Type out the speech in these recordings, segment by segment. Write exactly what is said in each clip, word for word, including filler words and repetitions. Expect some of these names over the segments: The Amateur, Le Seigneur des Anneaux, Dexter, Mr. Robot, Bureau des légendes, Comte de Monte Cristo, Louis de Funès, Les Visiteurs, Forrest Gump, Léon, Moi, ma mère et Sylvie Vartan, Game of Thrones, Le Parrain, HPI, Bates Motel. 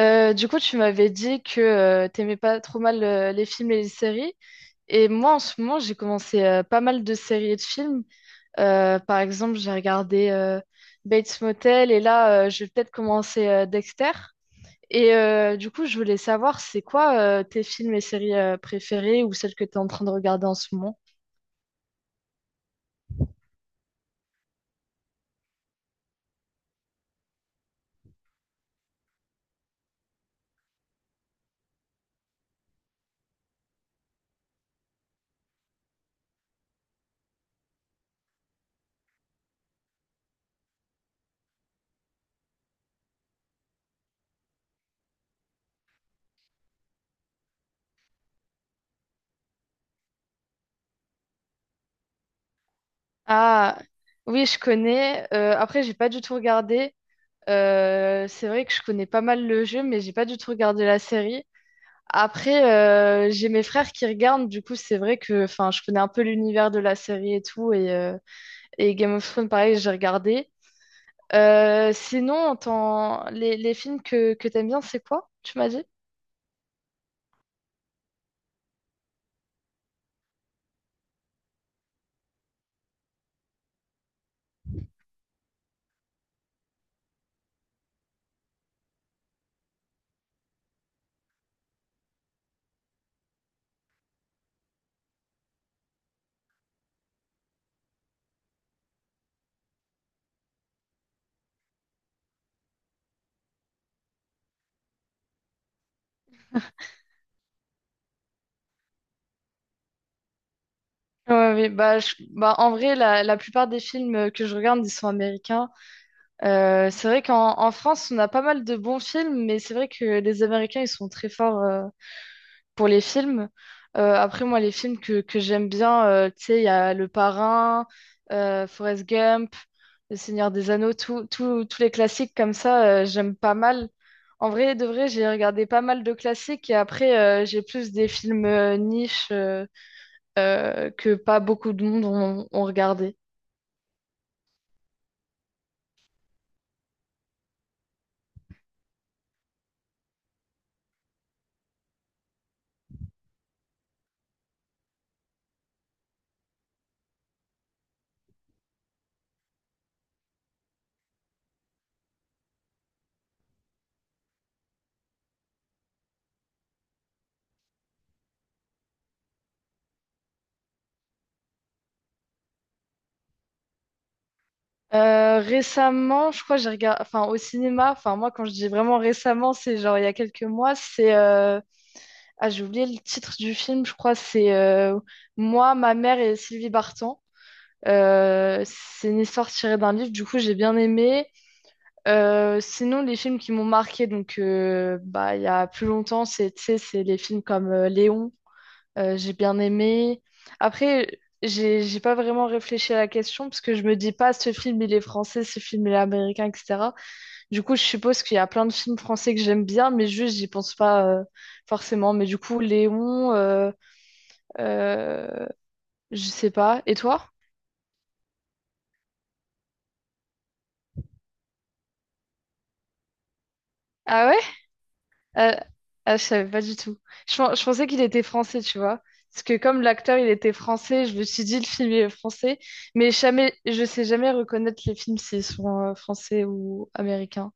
Euh, du coup, tu m'avais dit que euh, t'aimais pas trop mal euh, les films et les séries. Et moi, en ce moment, j'ai commencé euh, pas mal de séries et de films. Euh, par exemple, j'ai regardé euh, Bates Motel et là, euh, je vais peut-être commencer euh, Dexter. Et euh, du coup, je voulais savoir, c'est quoi euh, tes films et séries euh, préférés ou celles que tu es en train de regarder en ce moment? Ah, oui, je connais. Euh, après, j'ai pas du tout regardé. Euh, c'est vrai que je connais pas mal le jeu, mais j'ai pas du tout regardé la série. Après, euh, j'ai mes frères qui regardent, du coup, c'est vrai que enfin, je connais un peu l'univers de la série et tout. Et, euh, et Game of Thrones, pareil, j'ai regardé. Euh, sinon, en tant- les, les films que, que t'aimes bien, c'est quoi, tu m'as dit? Ouais, oui, bah, je- bah, en vrai, la, la plupart des films que je regarde, ils sont américains. Euh, c'est vrai qu'en en France, on a pas mal de bons films, mais c'est vrai que les Américains, ils sont très forts euh, pour les films. Euh, après, moi, les films que, que j'aime bien, euh, tu sais, il y a Le Parrain, euh, Forrest Gump, Le Seigneur des Anneaux, tout, tout- tous les classiques comme ça, euh, j'aime pas mal. En vrai, de vrai, j'ai regardé pas mal de classiques et après, euh, j'ai plus des films euh, niches euh, euh, que pas beaucoup de monde ont, ont regardé. Euh, récemment, je crois que j'ai regardé, enfin au cinéma, enfin moi quand je dis vraiment récemment, c'est genre il y a quelques mois, c'est euh, Ah, j'ai oublié le titre du film, je crois, c'est euh, Moi, ma mère et Sylvie Vartan. Euh, c'est une histoire tirée d'un livre, du coup, j'ai bien aimé. Euh, sinon, les films qui m'ont marqué, donc, euh, bah, il y a plus longtemps, c'est, tu sais, c'est les films comme euh, Léon, euh, j'ai bien aimé. Après, j'ai, j'ai pas vraiment réfléchi à la question, parce que je me dis pas, ce film, il est français, ce film, il est américain, et cétéra. Du coup, je suppose qu'il y a plein de films français que j'aime bien, mais juste, j'y pense pas euh, forcément. Mais du coup, Léon. euh, euh, je sais pas. Et toi? Ah ouais? Euh, ah, je savais pas du tout. Je, pen- je pensais qu'il était français, tu vois. Parce que comme l'acteur, il était français, je me suis dit le film est français. Mais jamais, je sais jamais reconnaître les films s'ils sont euh, français ou américains.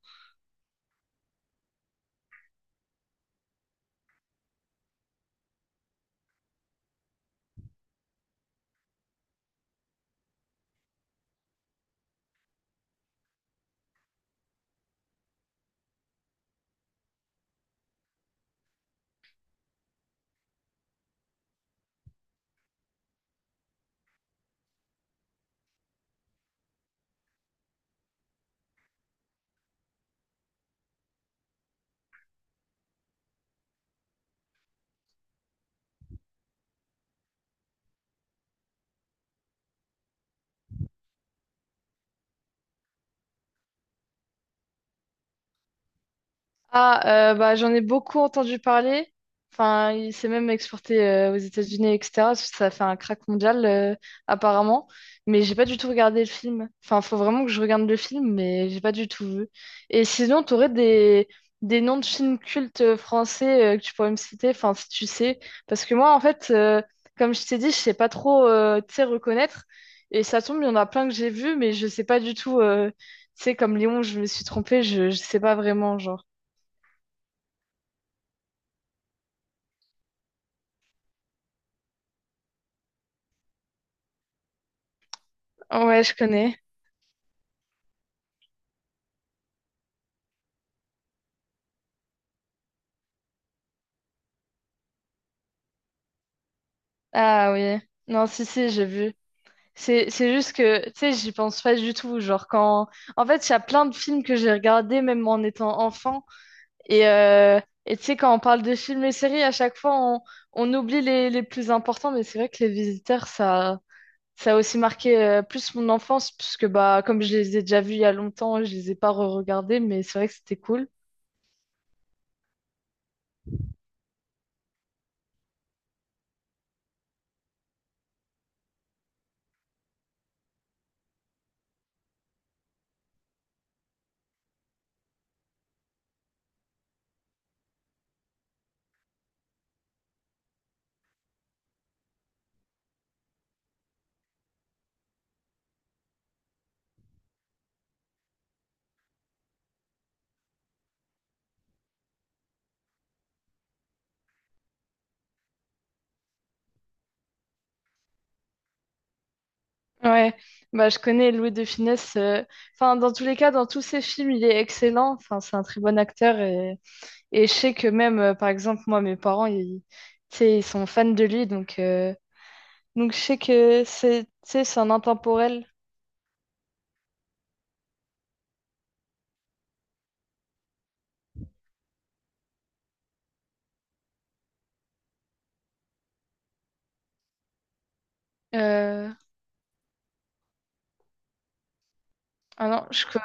Ah, euh, bah, j'en ai beaucoup entendu parler. Enfin, il s'est même exporté euh, aux États-Unis, et cétéra parce que ça a fait un crack mondial, euh, apparemment. Mais j'ai pas du tout regardé le film. Enfin, faut vraiment que je regarde le film, mais j'ai pas du tout vu. Et sinon, t'aurais des… des noms de films cultes euh, français euh, que tu pourrais me citer, enfin, si tu sais. Parce que moi, en fait, euh, comme je t'ai dit, je sais pas trop, euh, tu sais, reconnaître. Et ça tombe, il y en a plein que j'ai vus, mais je sais pas du tout. euh, Tu sais, comme Léon, je me suis trompée, je, je sais pas vraiment, genre. Ouais, je connais. Ah oui. Non, si, si, j'ai vu. C'est, c'est juste que, tu sais, j'y pense pas du tout. Genre, quand. En fait, il y a plein de films que j'ai regardés, même en étant enfant. Et, euh, et tu sais, quand on parle de films et séries, à chaque fois, on, on oublie les, les plus importants. Mais c'est vrai que Les Visiteurs, ça, ça a aussi marqué euh, plus mon enfance, puisque, bah, comme je les ai déjà vus il y a longtemps, je les ai pas re-regardés. Mais c'est vrai que c'était cool. Ouais, bah, je connais Louis de Funès. euh, Enfin, dans tous les cas, dans tous ses films, il est excellent. Enfin, c'est un très bon acteur. Et, et je sais que même, euh, par exemple, moi, mes parents, ils, tu sais, ils sont fans de lui. Donc, euh, donc je sais que c'est, tu sais, c'est un intemporel. Euh, Ah non, je, co-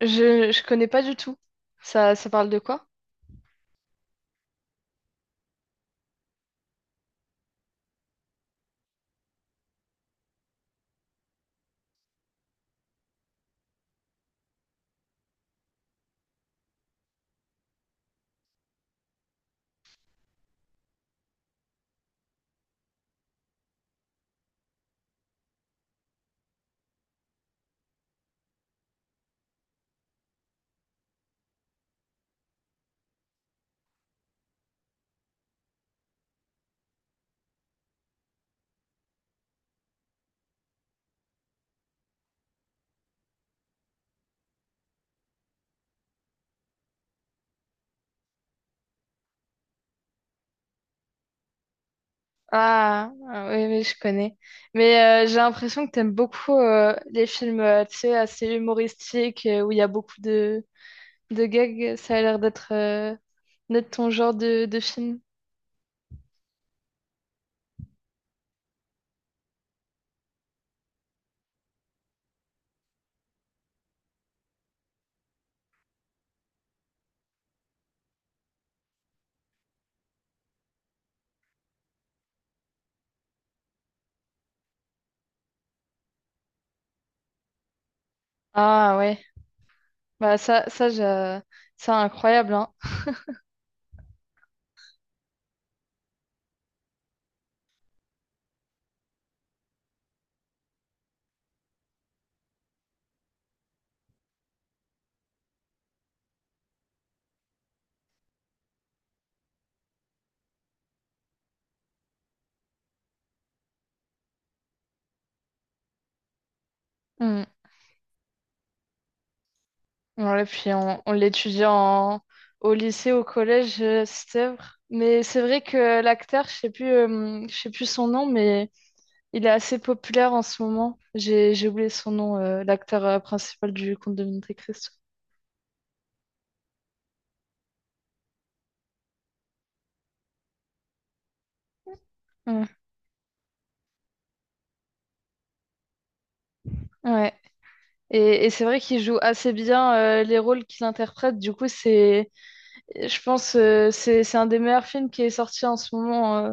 je, je connais pas du tout. Ça, ça parle de quoi? Ah, ah oui, oui, je connais. Mais euh, j'ai l'impression que t'aimes beaucoup euh, les films, euh, tu sais, assez humoristiques, euh, où il y a beaucoup de de gag, ça a l'air d'être euh, d'être ton genre de, de film. Ah ouais, bah ça, ça, j'a- c'est incroyable, hein. Mm. Ouais, puis on, on l'étudie en… au lycée, au collège, euh, cette œuvre. Mais c'est vrai que l'acteur, je sais plus, euh, je sais plus son nom, mais il est assez populaire en ce moment. J'ai, j'ai oublié son nom, euh, l'acteur euh, principal du Conte de Monte Cristo. Mm. Ouais. Et, et c'est vrai qu'il joue assez bien euh, les rôles qu'il interprète. Du coup, c'est… Je pense euh, c'est c'est un des meilleurs films qui est sorti en ce moment euh,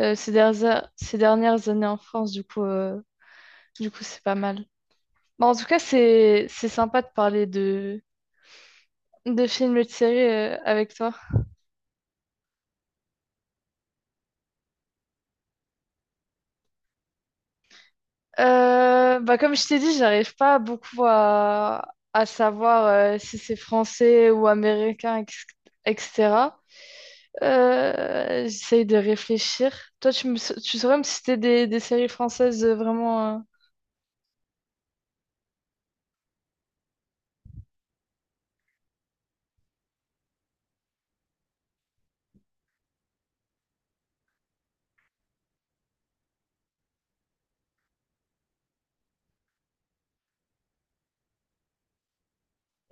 euh, ces dernières ces dernières années en France du coup euh, du coup c'est pas mal. Bon, en tout cas c'est c'est sympa de parler de de films et de séries euh, avec toi. Euh, bah comme je t'ai dit j'arrive pas beaucoup à à savoir euh, si c'est français ou américain ex- et cétéra. Euh, j'essaye de réfléchir. Toi tu me tu saurais me citer des des séries françaises euh, vraiment euh,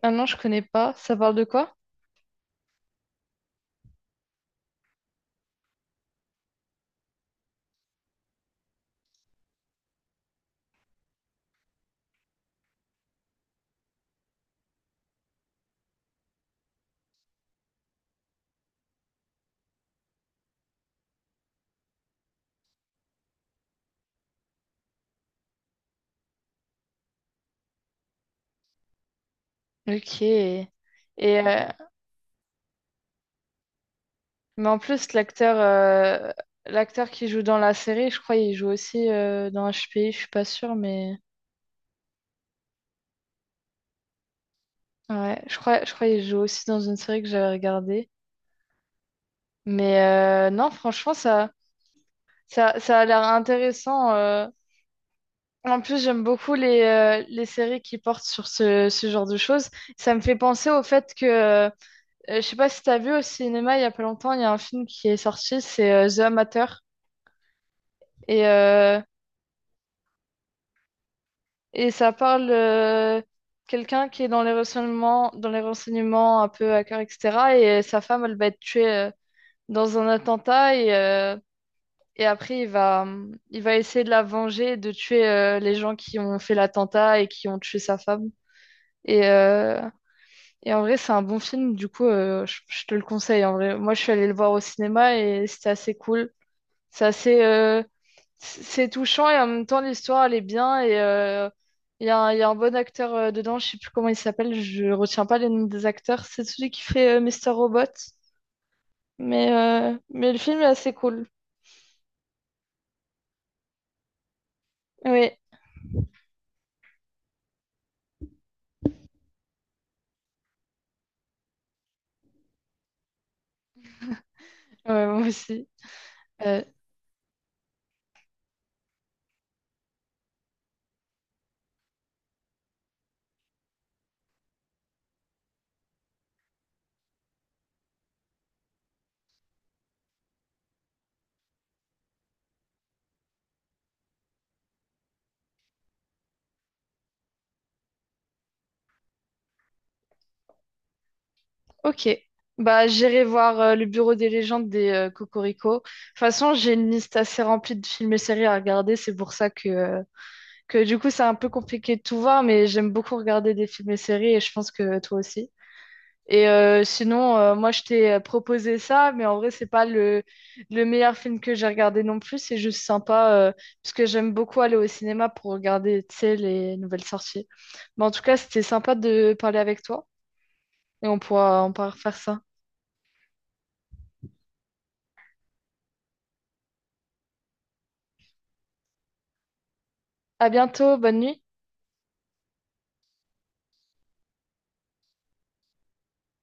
Ah non, je connais pas. Ça parle de quoi? Ok. Et euh, mais en plus l'acteur euh, l'acteur qui joue dans la série, je crois il joue aussi euh, dans H P I, je suis pas sûre mais ouais, je crois je crois il joue aussi dans une série que j'avais regardée. Mais euh, non, franchement ça ça ça a l'air intéressant. Euh. En plus, j'aime beaucoup les, euh, les séries qui portent sur ce, ce genre de choses. Ça me fait penser au fait que, euh, je sais pas si t'as vu au cinéma il y a pas longtemps, il y a un film qui est sorti, c'est euh, The Amateur. Et, euh, et ça parle euh, quelqu'un qui est dans les renseignements, dans les renseignements un peu à cœur, et cétéra. Et euh, sa femme, elle va être tuée euh, dans un attentat. Et, euh, et après, il va, hum, il va essayer de la venger, et de tuer euh, les gens qui ont fait l'attentat et qui ont tué sa femme. Et, euh, et en vrai, c'est un bon film. Du coup, euh, je, je te le conseille. En vrai, moi, je suis allée le voir au cinéma et c'était assez cool. C'est assez, euh, c'est touchant et en même temps l'histoire elle est bien et euh, il y a, un il y a un bon acteur euh, dedans, je sais plus comment il s'appelle, je retiens pas les noms des acteurs. C'est celui qui fait euh, mister Robot, mais euh, mais le film est assez cool. Oui, ouais, moi aussi. Euh, ok. Bah, j'irai voir euh, le Bureau des légendes des euh, Cocorico. De toute façon, j'ai une liste assez remplie de films et séries à regarder. C'est pour ça que, euh, que du coup, c'est un peu compliqué de tout voir, mais j'aime beaucoup regarder des films et séries et je pense que toi aussi. Et euh, sinon, euh, moi, je t'ai euh, proposé ça, mais en vrai, c'est pas le, le meilleur film que j'ai regardé non plus. C'est juste sympa, euh, parce que j'aime beaucoup aller au cinéma pour regarder, tu sais, les nouvelles sorties. Mais en tout cas, c'était sympa de parler avec toi et on pourra, on pourra refaire ça. À bientôt, bonne nuit.